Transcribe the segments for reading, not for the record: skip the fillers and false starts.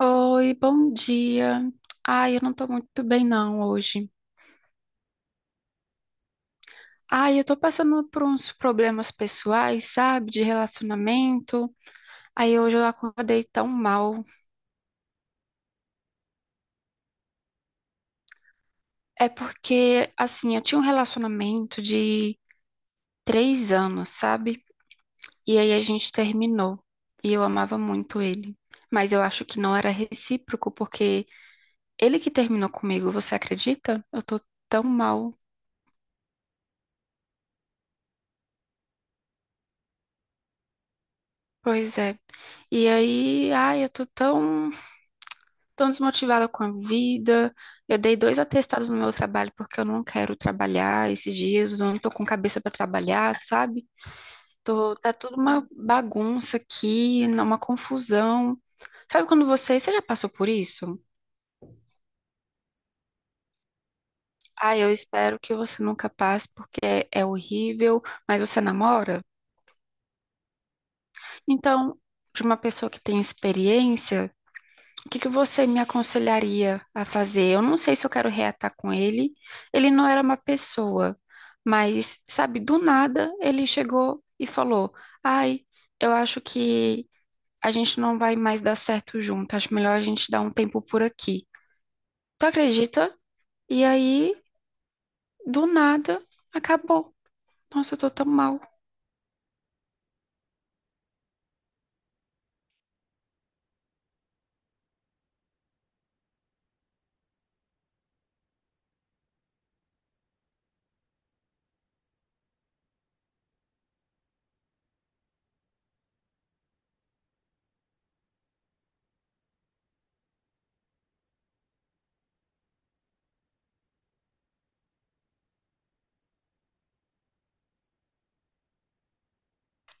Oi, bom dia. Ai, eu não tô muito bem não hoje. Ai, eu tô passando por uns problemas pessoais, sabe, de relacionamento. Aí hoje eu acordei tão mal. É porque, assim, eu tinha um relacionamento de 3 anos, sabe? E aí a gente terminou. E eu amava muito ele. Mas eu acho que não era recíproco, porque ele que terminou comigo, você acredita? Eu tô tão mal. Pois é. E aí, ai, eu tô tão. Estou desmotivada com a vida. Eu dei dois atestados no meu trabalho porque eu não quero trabalhar esses dias. Eu não estou com cabeça para trabalhar, sabe? Tô, tá tudo uma bagunça aqui, uma confusão. Sabe quando você já passou por isso? Ah, eu espero que você nunca passe porque é horrível, mas você namora? Então, de uma pessoa que tem experiência. O que que você me aconselharia a fazer? Eu não sei se eu quero reatar com ele. Ele não era uma pessoa, mas, sabe, do nada ele chegou e falou: ai, eu acho que a gente não vai mais dar certo junto. Acho melhor a gente dar um tempo por aqui. Tu acredita? E aí, do nada, acabou. Nossa, eu tô tão mal.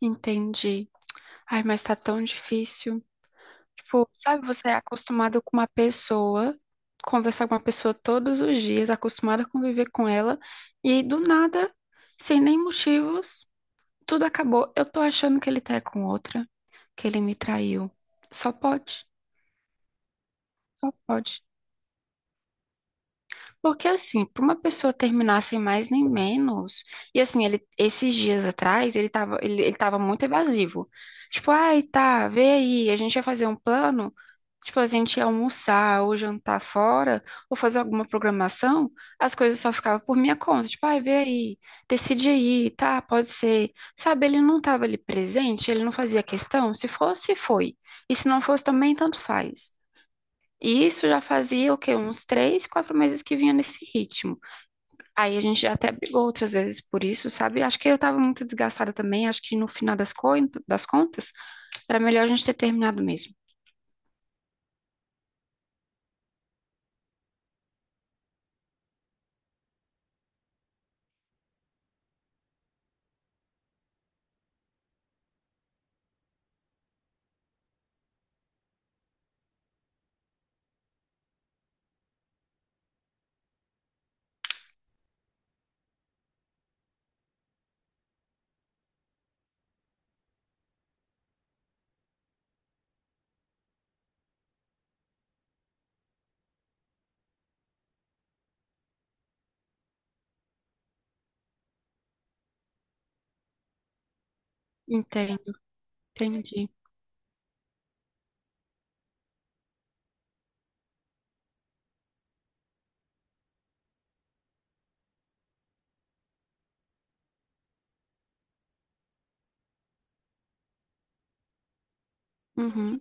Entendi. Ai, mas tá tão difícil. Tipo, sabe, você é acostumado com uma pessoa, conversar com uma pessoa todos os dias, acostumado a conviver com ela, e aí, do nada, sem nem motivos, tudo acabou. Eu tô achando que ele tá com outra, que ele me traiu. Só pode, só pode. Porque assim, pra uma pessoa terminar sem mais nem menos, e assim, ele esses dias atrás, ele tava muito evasivo. Tipo, ai, tá, vê aí, a gente vai fazer um plano. Tipo, a gente ia almoçar ou jantar fora, ou fazer alguma programação, as coisas só ficavam por minha conta. Tipo, ai, vê aí, decide aí, tá, pode ser. Sabe, ele não estava ali presente, ele não fazia questão. Se fosse, foi. E se não fosse também, tanto faz. E isso já fazia, o quê? Uns 3, 4 meses que vinha nesse ritmo. Aí a gente já até brigou outras vezes por isso, sabe? Acho que eu estava muito desgastada também. Acho que no final das, das contas, era melhor a gente ter terminado mesmo. Entendo, entendi. Uhum.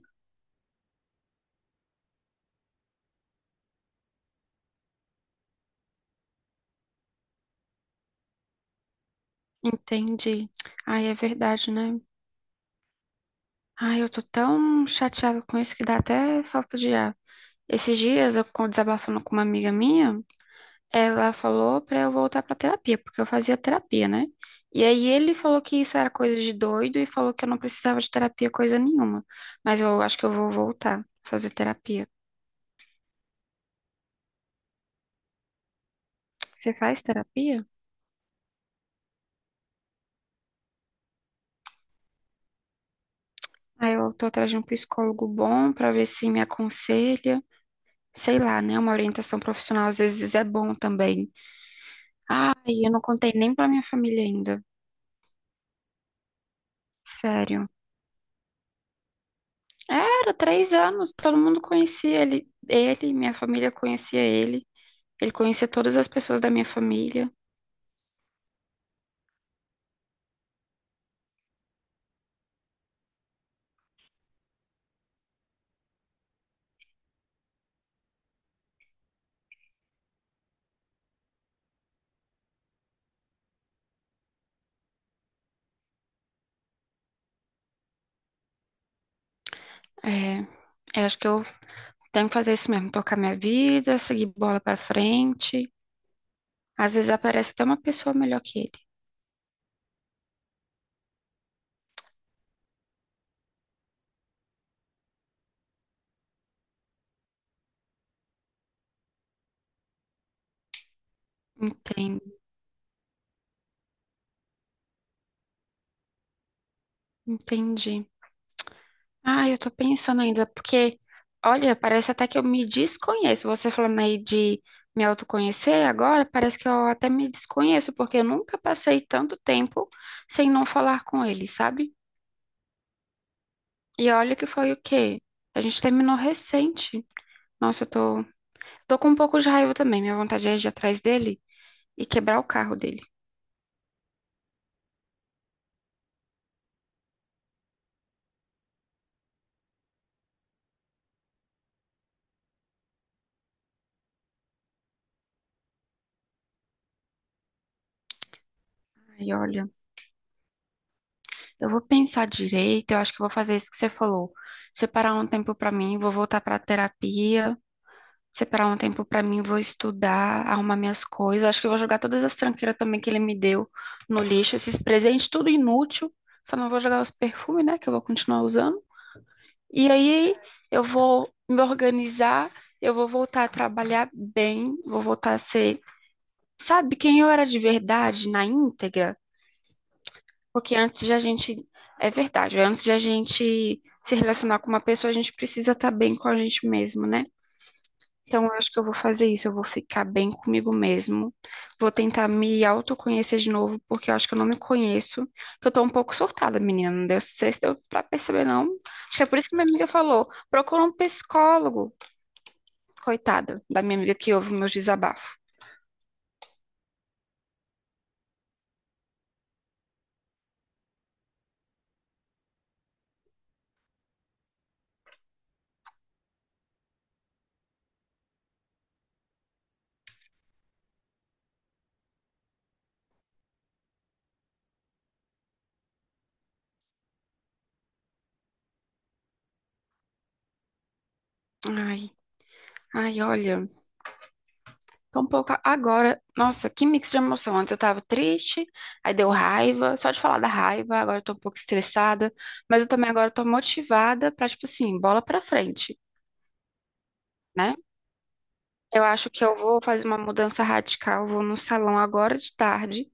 Entendi. Ai, é verdade, né? Ai, eu tô tão chateada com isso que dá até falta de ar. Esses dias, eu desabafando com uma amiga minha, ela falou pra eu voltar pra terapia, porque eu fazia terapia, né? E aí ele falou que isso era coisa de doido e falou que eu não precisava de terapia coisa nenhuma. Mas eu acho que eu vou voltar a fazer terapia. Você faz terapia? Aí eu tô atrás de um psicólogo bom pra ver se me aconselha. Sei lá, né? Uma orientação profissional às vezes é bom também. Ai, eu não contei nem pra minha família ainda. Sério. Era 3 anos, todo mundo conhecia ele. Ele, minha família conhecia ele. Ele conhecia todas as pessoas da minha família. É, eu acho que eu tenho que fazer isso mesmo, tocar minha vida, seguir bola pra frente. Às vezes aparece até uma pessoa melhor que ele. Entendo, entendi. Ah, eu tô pensando ainda, porque, olha, parece até que eu me desconheço. Você falando aí de me autoconhecer agora, parece que eu até me desconheço, porque eu nunca passei tanto tempo sem não falar com ele, sabe? E olha que foi o quê? A gente terminou recente. Nossa, eu tô com um pouco de raiva também. Minha vontade é ir atrás dele e quebrar o carro dele. Ai, olha, eu vou pensar direito, eu acho que eu vou fazer isso que você falou. Separar um tempo pra mim, vou voltar pra terapia. Separar um tempo pra mim, vou estudar, arrumar minhas coisas. Acho que eu vou jogar todas as tranqueiras também que ele me deu no lixo, esses presentes, tudo inútil. Só não vou jogar os perfumes, né, que eu vou continuar usando. E aí eu vou me organizar, eu vou voltar a trabalhar bem, vou voltar a ser, sabe, quem eu era de verdade, na íntegra? Porque antes de a gente, é verdade, antes de a gente se relacionar com uma pessoa, a gente precisa estar bem com a gente mesmo, né? Então, eu acho que eu vou fazer isso. Eu vou ficar bem comigo mesmo. Vou tentar me autoconhecer de novo, porque eu acho que eu não me conheço. Que eu tô um pouco surtada, menina. Não deu, não sei se deu pra perceber, não. Acho que é por isso que minha amiga falou: procura um psicólogo. Coitada da minha amiga que ouve meus desabafos. Ai, ai, olha. Tô um pouco. Agora, nossa, que mix de emoção. Antes eu tava triste, aí deu raiva. Só de falar da raiva, agora eu tô um pouco estressada. Mas eu também agora tô motivada pra, tipo assim, bola pra frente. Né? Eu acho que eu vou fazer uma mudança radical. Vou no salão agora de tarde.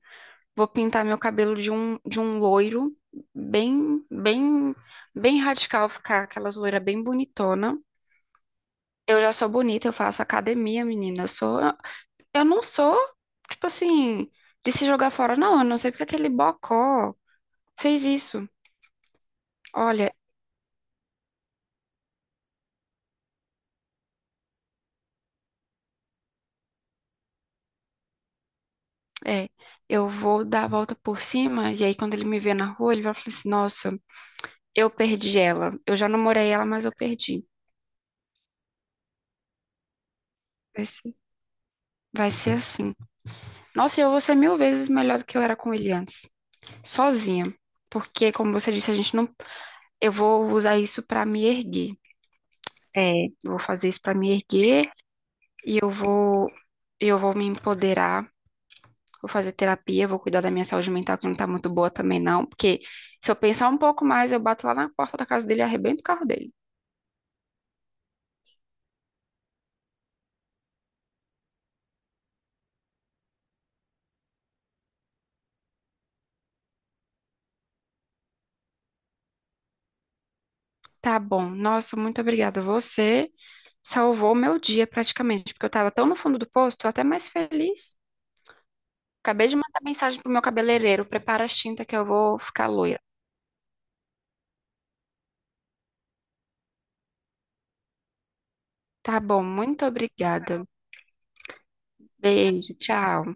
Vou pintar meu cabelo de um loiro bem, bem, bem radical, ficar aquelas loiras bem bonitona. Eu já sou bonita, eu faço academia, menina. Eu sou, eu não sou, tipo assim, de se jogar fora, não. Eu não sei porque aquele bocó fez isso. Olha, é, eu vou dar a volta por cima e aí quando ele me vê na rua, ele vai falar assim, nossa, eu perdi ela. Eu já namorei ela, mas eu perdi. Vai ser assim. Nossa, eu vou ser mil vezes melhor do que eu era com ele antes, sozinha. Porque, como você disse, a gente não. Eu vou usar isso pra me erguer. É, vou fazer isso pra me erguer e eu vou me empoderar. Vou fazer terapia, vou cuidar da minha saúde mental, que não tá muito boa também, não. Porque se eu pensar um pouco mais, eu bato lá na porta da casa dele e arrebento o carro dele. Tá bom. Nossa, muito obrigada. Você salvou meu dia praticamente, porque eu tava tão no fundo do poço, tô até mais feliz. Acabei de mandar mensagem pro meu cabeleireiro. Prepara as tintas que eu vou ficar loira. Tá bom, muito obrigada. Beijo, tchau.